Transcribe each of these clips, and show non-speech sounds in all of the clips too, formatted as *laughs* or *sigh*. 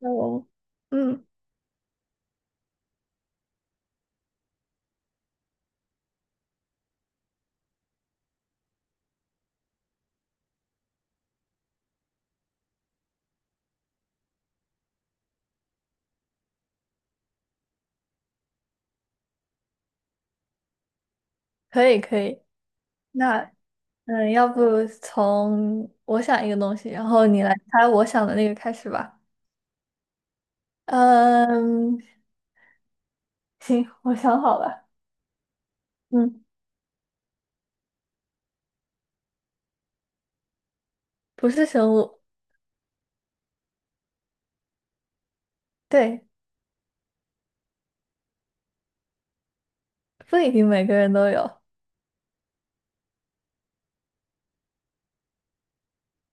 那我，嗯，可以可以。那要不从我想一个东西，然后你来猜我想的那个开始吧。嗯，行，我想好了。嗯，不是生物。对，不一定每个人都有。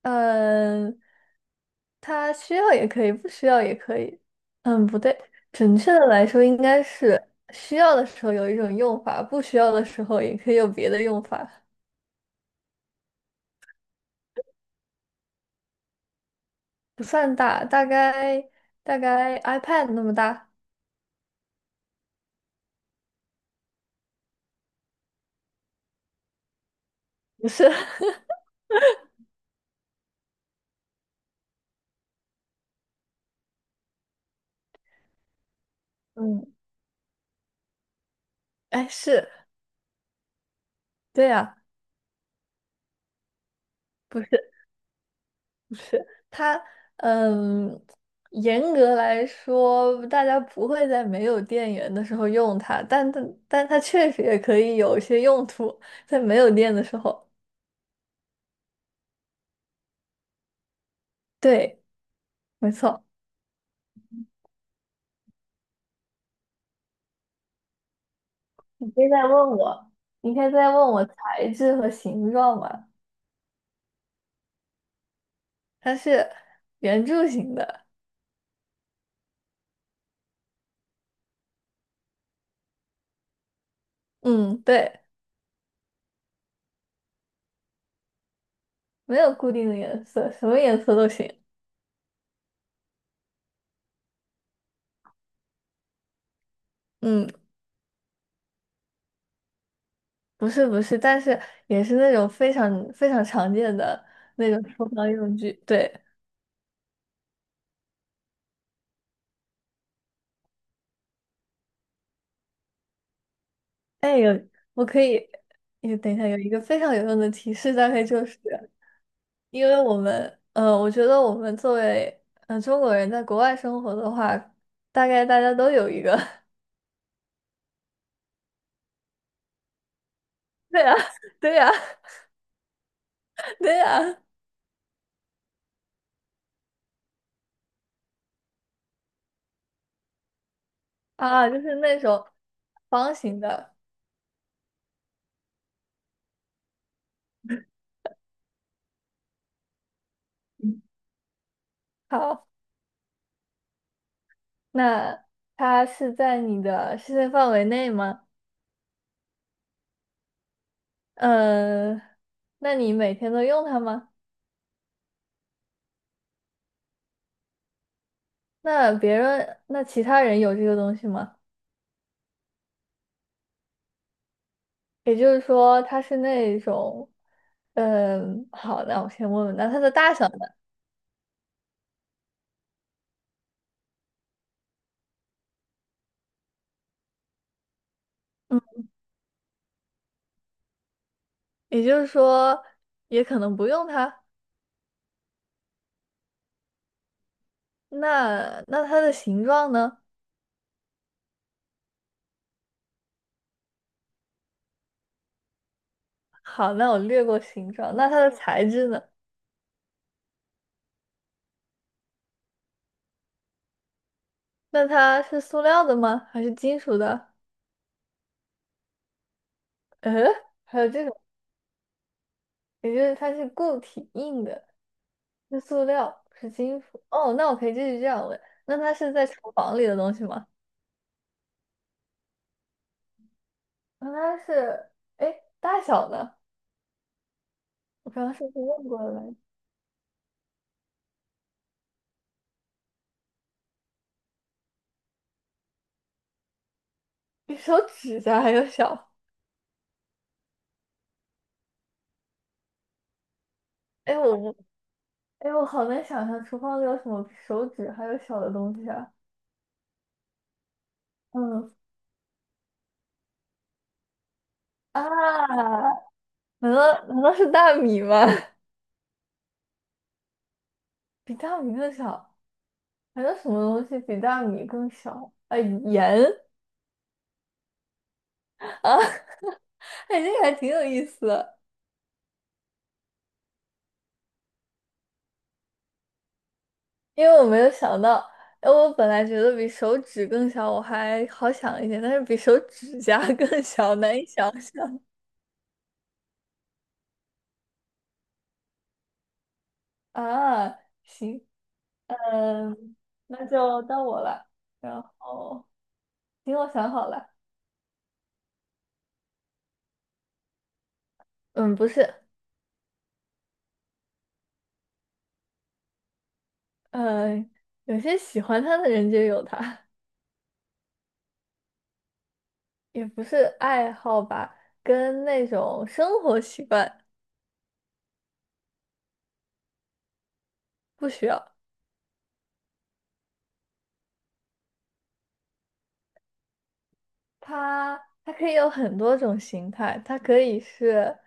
嗯，它需要也可以，不需要也可以。不对，准确的来说应该是需要的时候有一种用法，不需要的时候也可以有别的用法。不算大，大概 iPad 那么大，不是。*laughs* 嗯，哎，是，对呀，不是，不是，嗯，严格来说，大家不会在没有电源的时候用它，但它确实也可以有一些用途，在没有电的时候。对，没错。你可以再问我，你可以再问我材质和形状嘛？它是圆柱形的。嗯，对。没有固定的颜色，什么颜色都行。嗯，不是不是，但是也是那种非常非常常见的那种厨房用具。对，哎，有我可以，也等一下有一个非常有用的提示，大概就是因为我们，我觉得我们作为中国人在国外生活的话，大概大家都有一个。*laughs* 对呀，对呀，对呀。*laughs* 啊，就是那种方形的。嗯，好。那它是在你的视线范围内吗？嗯，那你每天都用它吗？那别人，那其他人有这个东西吗？也就是说，它是那种，嗯，好，那我先问问，那它的大小呢？也就是说，也可能不用它。那它的形状呢？好，那我略过形状。那它的材质呢？那它是塑料的吗？还是金属的？呃，还有这种，也就是它是固体硬的。是塑料，是金属。哦，那我可以继续这样问，那它是在厨房里的东西吗？那它是，哎，大小呢？我刚刚是不是问过了来着。比手指甲还要小。 *laughs*。哎，我不，哎，我好难想象厨房里有什么比手指还有小的东西啊。嗯啊，难道是大米吗？*laughs* 比大米更小，还有什么东西比大米更小？啊，盐。 *laughs* 啊，哎，这个还挺有意思的。因为我没有想到，哎，我本来觉得比手指更小，我还好想一点，但是比手指甲 *laughs* 更小，难以想象啊。行。嗯，那就到我了。然后，行，我想好了。嗯，不是。嗯，有些喜欢他的人就有他，也不是爱好吧，跟那种生活习惯不需要。它它可以有很多种形态，它可以是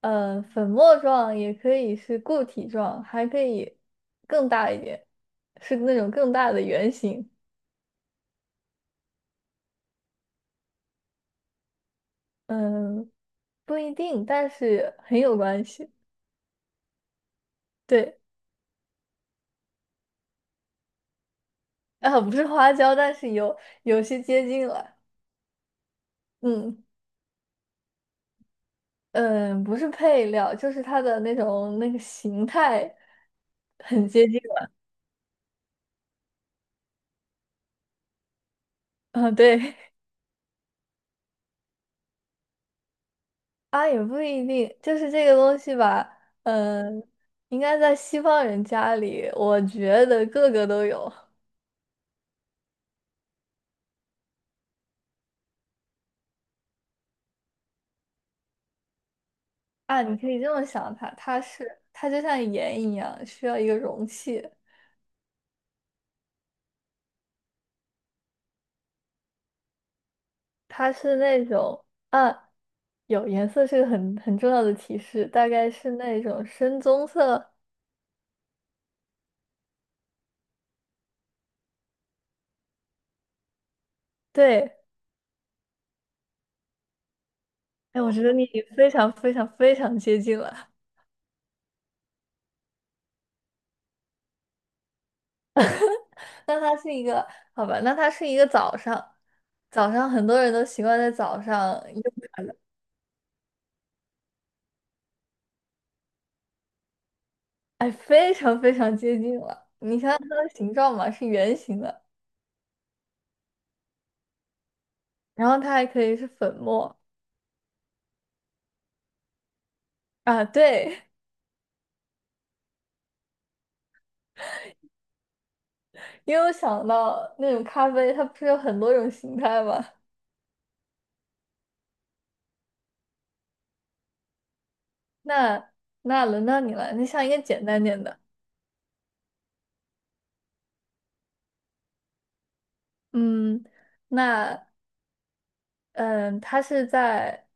粉末状，也可以是固体状，还可以更大一点，是那种更大的圆形。嗯，不一定，但是很有关系。对，啊，不是花椒，但是有些接近了。嗯嗯，不是配料，就是它的那种那个形态很接近了。啊，对。啊，也不一定，就是这个东西吧。嗯，应该在西方人家里，我觉得个个都有啊。你可以这么想它，它就像盐一样，需要一个容器。它是那种啊，有颜色是个很重要的提示，大概是那种深棕色。对，哎，我觉得你已经非常非常非常接近了。*laughs* 那它是一个，好吧，那它是一个早上，早上很多人都习惯在早上。哎，非常非常接近了。你想想它的形状嘛，是圆形的，然后它还可以是粉末啊。对，*laughs* 因为我想到那种咖啡，它不是有很多种形态吗？那那轮到你了，你想一个简单点的。嗯，那嗯，它是在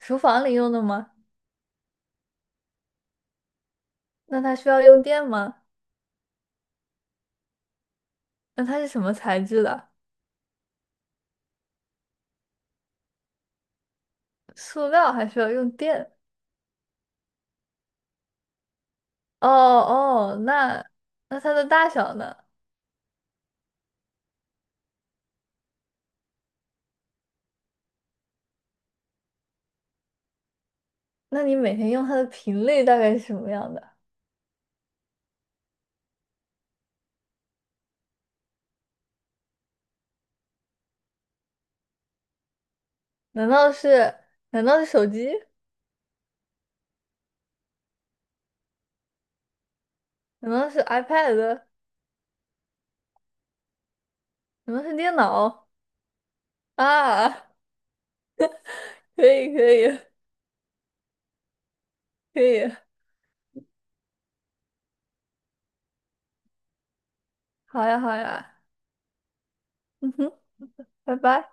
厨房里用的吗？那它需要用电吗？那它是什么材质的？塑料还需要用电？哦哦，那它的大小呢？那你每天用它的频率大概是什么样的？难道是难道是手机？难道是 iPad？难道是电脑？啊，*laughs* 可以可以可以，好呀好呀，嗯哼，拜拜。